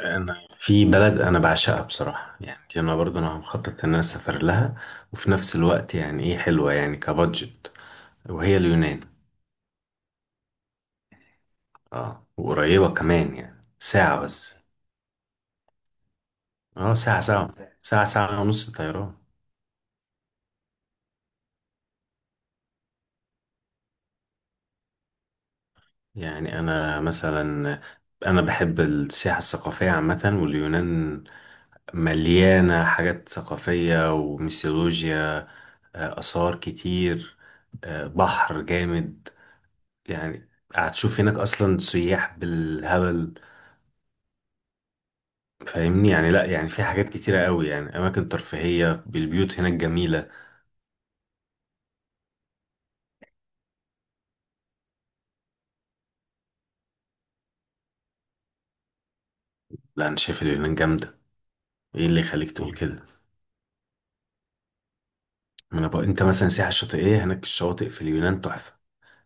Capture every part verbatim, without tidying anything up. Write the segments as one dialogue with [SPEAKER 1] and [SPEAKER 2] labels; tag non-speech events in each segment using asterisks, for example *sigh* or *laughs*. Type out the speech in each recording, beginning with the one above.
[SPEAKER 1] انا في بلد انا بعشقها بصراحه، يعني دي انا برضو انا مخطط ان انا اسافر لها. وفي نفس الوقت يعني ايه، حلوه يعني كبادجت، وهي اليونان. اه، وقريبه كمان، يعني ساعه بس. اه، ساعه ساعه. ساعه ساعه ونص طيران. يعني انا مثلا، انا بحب السياحه الثقافيه عامه، واليونان مليانه حاجات ثقافيه وميثولوجيا. آه، اثار كتير. آه، بحر جامد. يعني هتشوف هناك اصلا سياح بالهبل، فاهمني؟ يعني لا، يعني في حاجات كتيرة قوي، يعني اماكن ترفيهية بالبيوت هناك جميلة. لا، انا شايف اليونان جامدة. ايه اللي يخليك تقول كده؟ ما انا بقى، انت مثلا سياحة شاطئية، هناك الشواطئ في اليونان تحفة.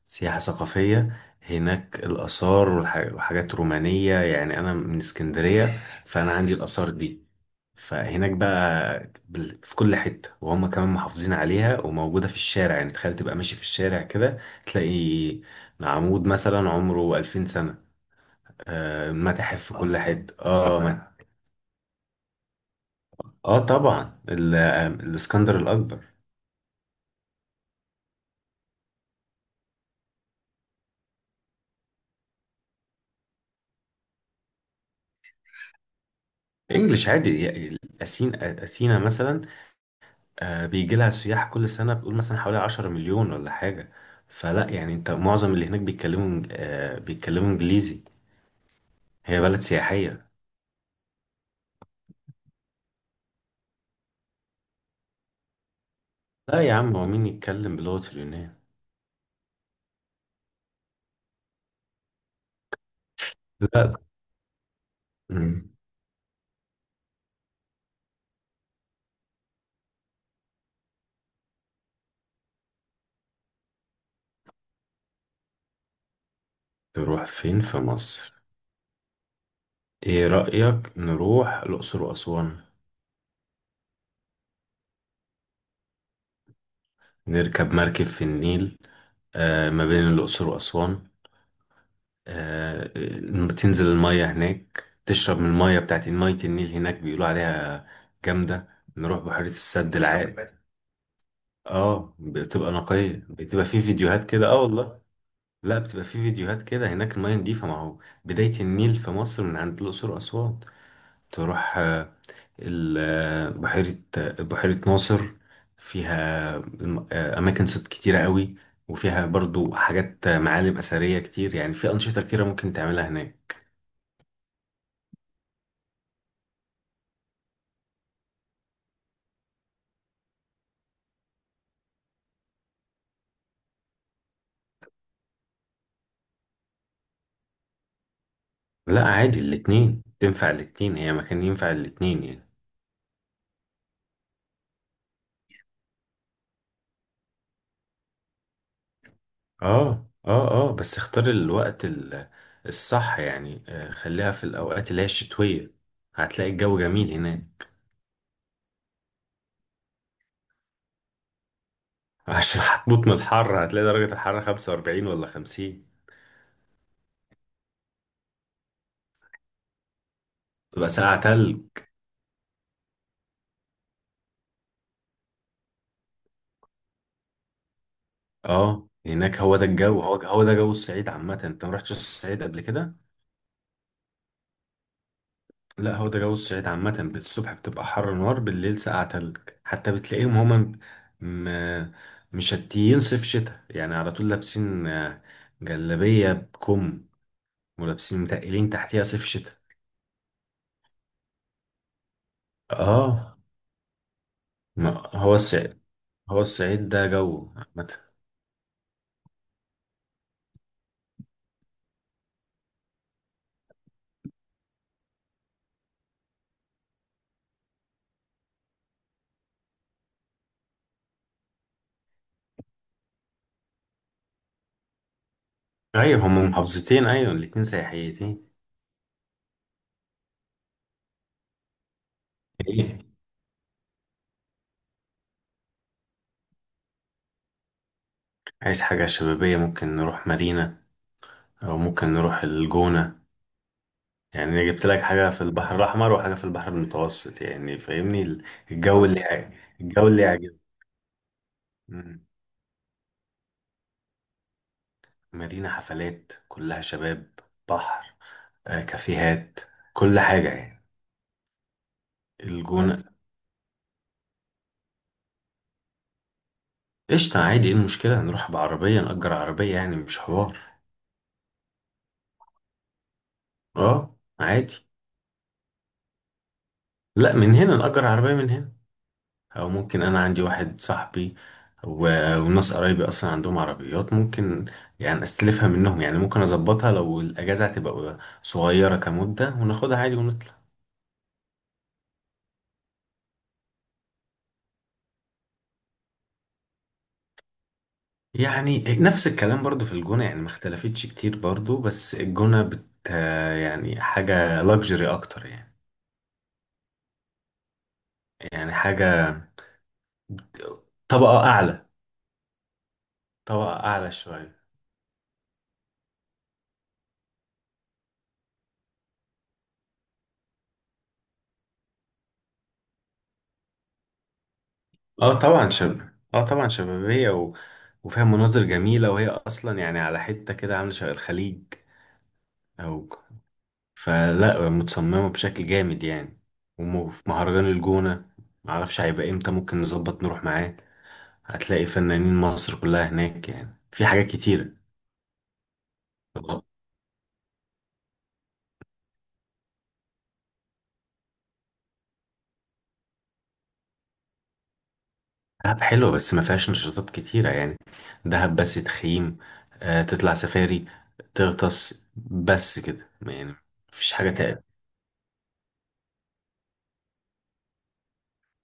[SPEAKER 1] سياحة ثقافية، هناك الآثار والح- وحاجات رومانية، يعني أنا من اسكندرية فأنا عندي الآثار دي. فهناك بقى بال- في كل حتة، وهم كمان محافظين عليها وموجودة في الشارع، يعني تخيل تبقى ماشي في الشارع كده تلاقي عمود مثلا عمره ألفين سنة. آه، متاحف في كل اصلا حتة، اه كمان ما- رائع. اه طبعا، ال- آه، الاسكندر الأكبر. انجلش عادي، يعني أثين، أثينا مثلا. آه، بيجي لها سياح كل سنة، بيقول مثلا حوالي 10 مليون ولا حاجة، فلا يعني انت معظم اللي هناك بيتكلموا إنج- آه، بيتكلموا انجليزي، هي بلد سياحية. لا يا عم، هو مين يتكلم بلغة اليونان؟ لا. مم. تروح فين في مصر؟ ايه رأيك نروح الأقصر وأسوان؟ نركب مركب في النيل، آه ما بين الأقصر وأسوان. آه آه، تنزل المية هناك، تشرب من المية بتاعت مية النيل هناك، بيقولوا عليها جامدة. نروح بحيرة السد العالي. اه، بتبقى نقية، بتبقى في فيديوهات كده، اه والله. لا، بتبقى في فيديوهات كده هناك المية نضيفة، ما هو بداية النيل في مصر من عند الأقصر وأسوان. تروح آه، ال- بحيرة بحيرة ناصر، فيها الم- أماكن صيد كتيرة قوي، وفيها برضو حاجات، معالم أثرية كتير، يعني في أنشطة كتيرة ممكن تعملها هناك. لا عادي، الاتنين تنفع، الاتنين هي مكان ينفع الاتنين يعني. اه، اه، اه، بس اختار الوقت ال- الصح، يعني آه، خليها في الأوقات اللي هي الشتوية، هتلاقي الجو جميل هناك. *laughs* عشان هتموت من الحر، هتلاقي درجة الحرارة خمسة وأربعين ولا خمسين. تبقى ساعة تلج. اه، هناك هو ده الجو، هو هو ده جو الصعيد عامة، انت ما رحتش الصعيد قبل كده. لا، هو ده جو الصعيد عامة، بالصبح بتبقى حر نار، بالليل ساقعة تلج. حتى بتلاقيهم هما م... م... مشتيين صيف شتاء، يعني على طول لابسين آه، جلابية بكم، ولابسين متقلين تحتيها صيف شتاء. اه، ما هو الصعيد، هو الصعيد ده جو عامة. ايوه، هما محافظتين، ايوه، الاتنين سياحيتين. ايه؟ عايز حاجة شبابية، ممكن نروح مارينا، او ممكن نروح الجونة. يعني أنا جبت لك حاجة في البحر الأحمر، وحاجة في البحر المتوسط، يعني فاهمني ال- الجو اللي يع- الجو اللي يعجبك. مم. مدينة حفلات، كلها شباب، بحر، آه، كافيهات، كل حاجة يعني. الجونة قشطة، عادي، ايه المشكلة؟ نروح بعربية، نأجر عربية، يعني مش حوار. اه عادي. لا، من هنا نأجر عربية من هنا، او ممكن انا عندي واحد صاحبي و- وناس قرايبي اصلا عندهم عربيات، ممكن يعني استلفها منهم، يعني ممكن اظبطها لو الاجازه هتبقى صغيره كمده، وناخدها عادي ونطلع. يعني نفس الكلام برضو في الجونه، يعني ما اختلفتش كتير برضو، بس الجونه بت يعني حاجه لاكجري اكتر يعني. يعني حاجه، طبقه اعلى طبقه اعلى شويه. اه طبعا شباب. اه طبعا شبابيه و... وفيها مناظر جميله، وهي اصلا يعني على حته كده عامله شبه الخليج. او، فلا متصممة بشكل جامد يعني. وفي مهرجان الجونة، معرفش هيبقى امتى ممكن نظبط نروح معاه، هتلاقي فنانين مصر كلها هناك، يعني في حاجات كتيرة. دهب حلوة بس ما فيهاش نشاطات كتيرة يعني، دهب بس تخييم، آه تطلع سفاري، تغطس، بس كده يعني. مفيش حاجة تانية.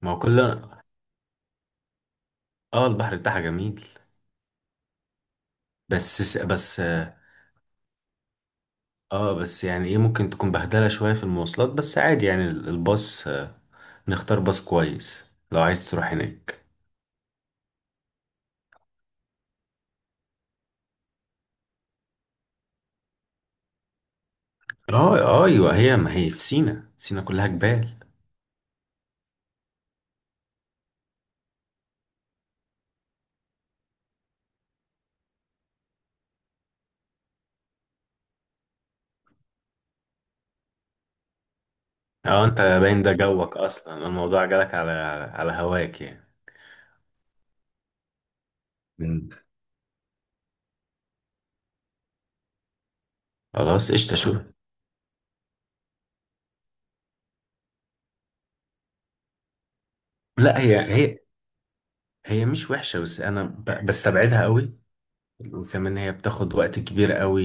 [SPEAKER 1] ما هو كل. اه، البحر بتاعها جميل. بس س- بس اه آه، بس يعني ايه، ممكن تكون بهدلة شوية في المواصلات، بس عادي يعني الباص، نختار باص كويس لو عايز تروح هناك. اه آه، ايوه، هي ما هي في سينا، سينا كلها جبال. اه، انت باين ده جوك اصلا، الموضوع جالك على على هواك يعني. مم. خلاص قشطة، شو. لا، هي هي هي مش وحشة، بس أنا ب- بستبعدها قوي، وكمان هي بتاخد وقت كبير قوي،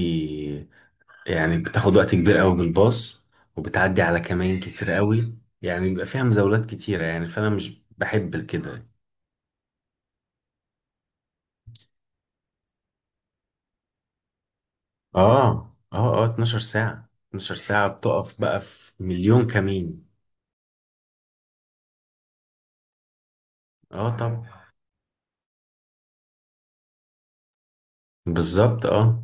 [SPEAKER 1] يعني بتاخد وقت كبير قوي بالباص، وبتعدي على كمائن كتير قوي، يعني بيبقى فيها مزاولات كتيرة يعني، فأنا مش بحب كده. اه، اه، اه، 12 ساعة، 12 ساعة بتقف بقى في مليون كمين. اه طبعا، بالظبط، اه.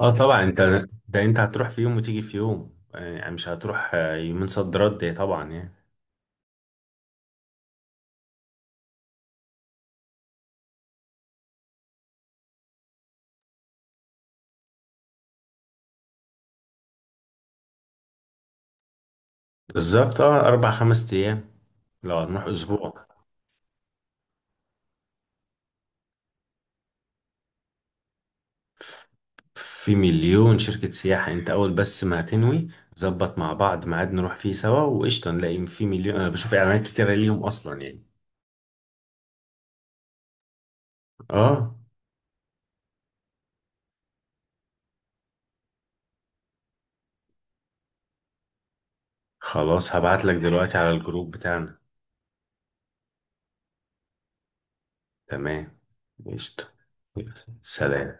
[SPEAKER 1] اه طبعا انت، ده انت هتروح في يوم وتيجي في يوم، يعني مش هتروح آه، يومين صد رد يعني طبعا يعني. بالظبط، اه، اربع خمس ايام. لو هنروح اسبوع، ف- في مليون شركة سياحة انت، اول بس ما هتنوي، ظبط مع بعض ميعاد نروح فيه سوا وقشطة، نلاقي في مليون. انا بشوف اعلانات كتيرة ليهم اصلا يعني. اه، خلاص هبعت لك دلوقتي على الجروب بتاعنا. تمام. قشطة. يلا، سلام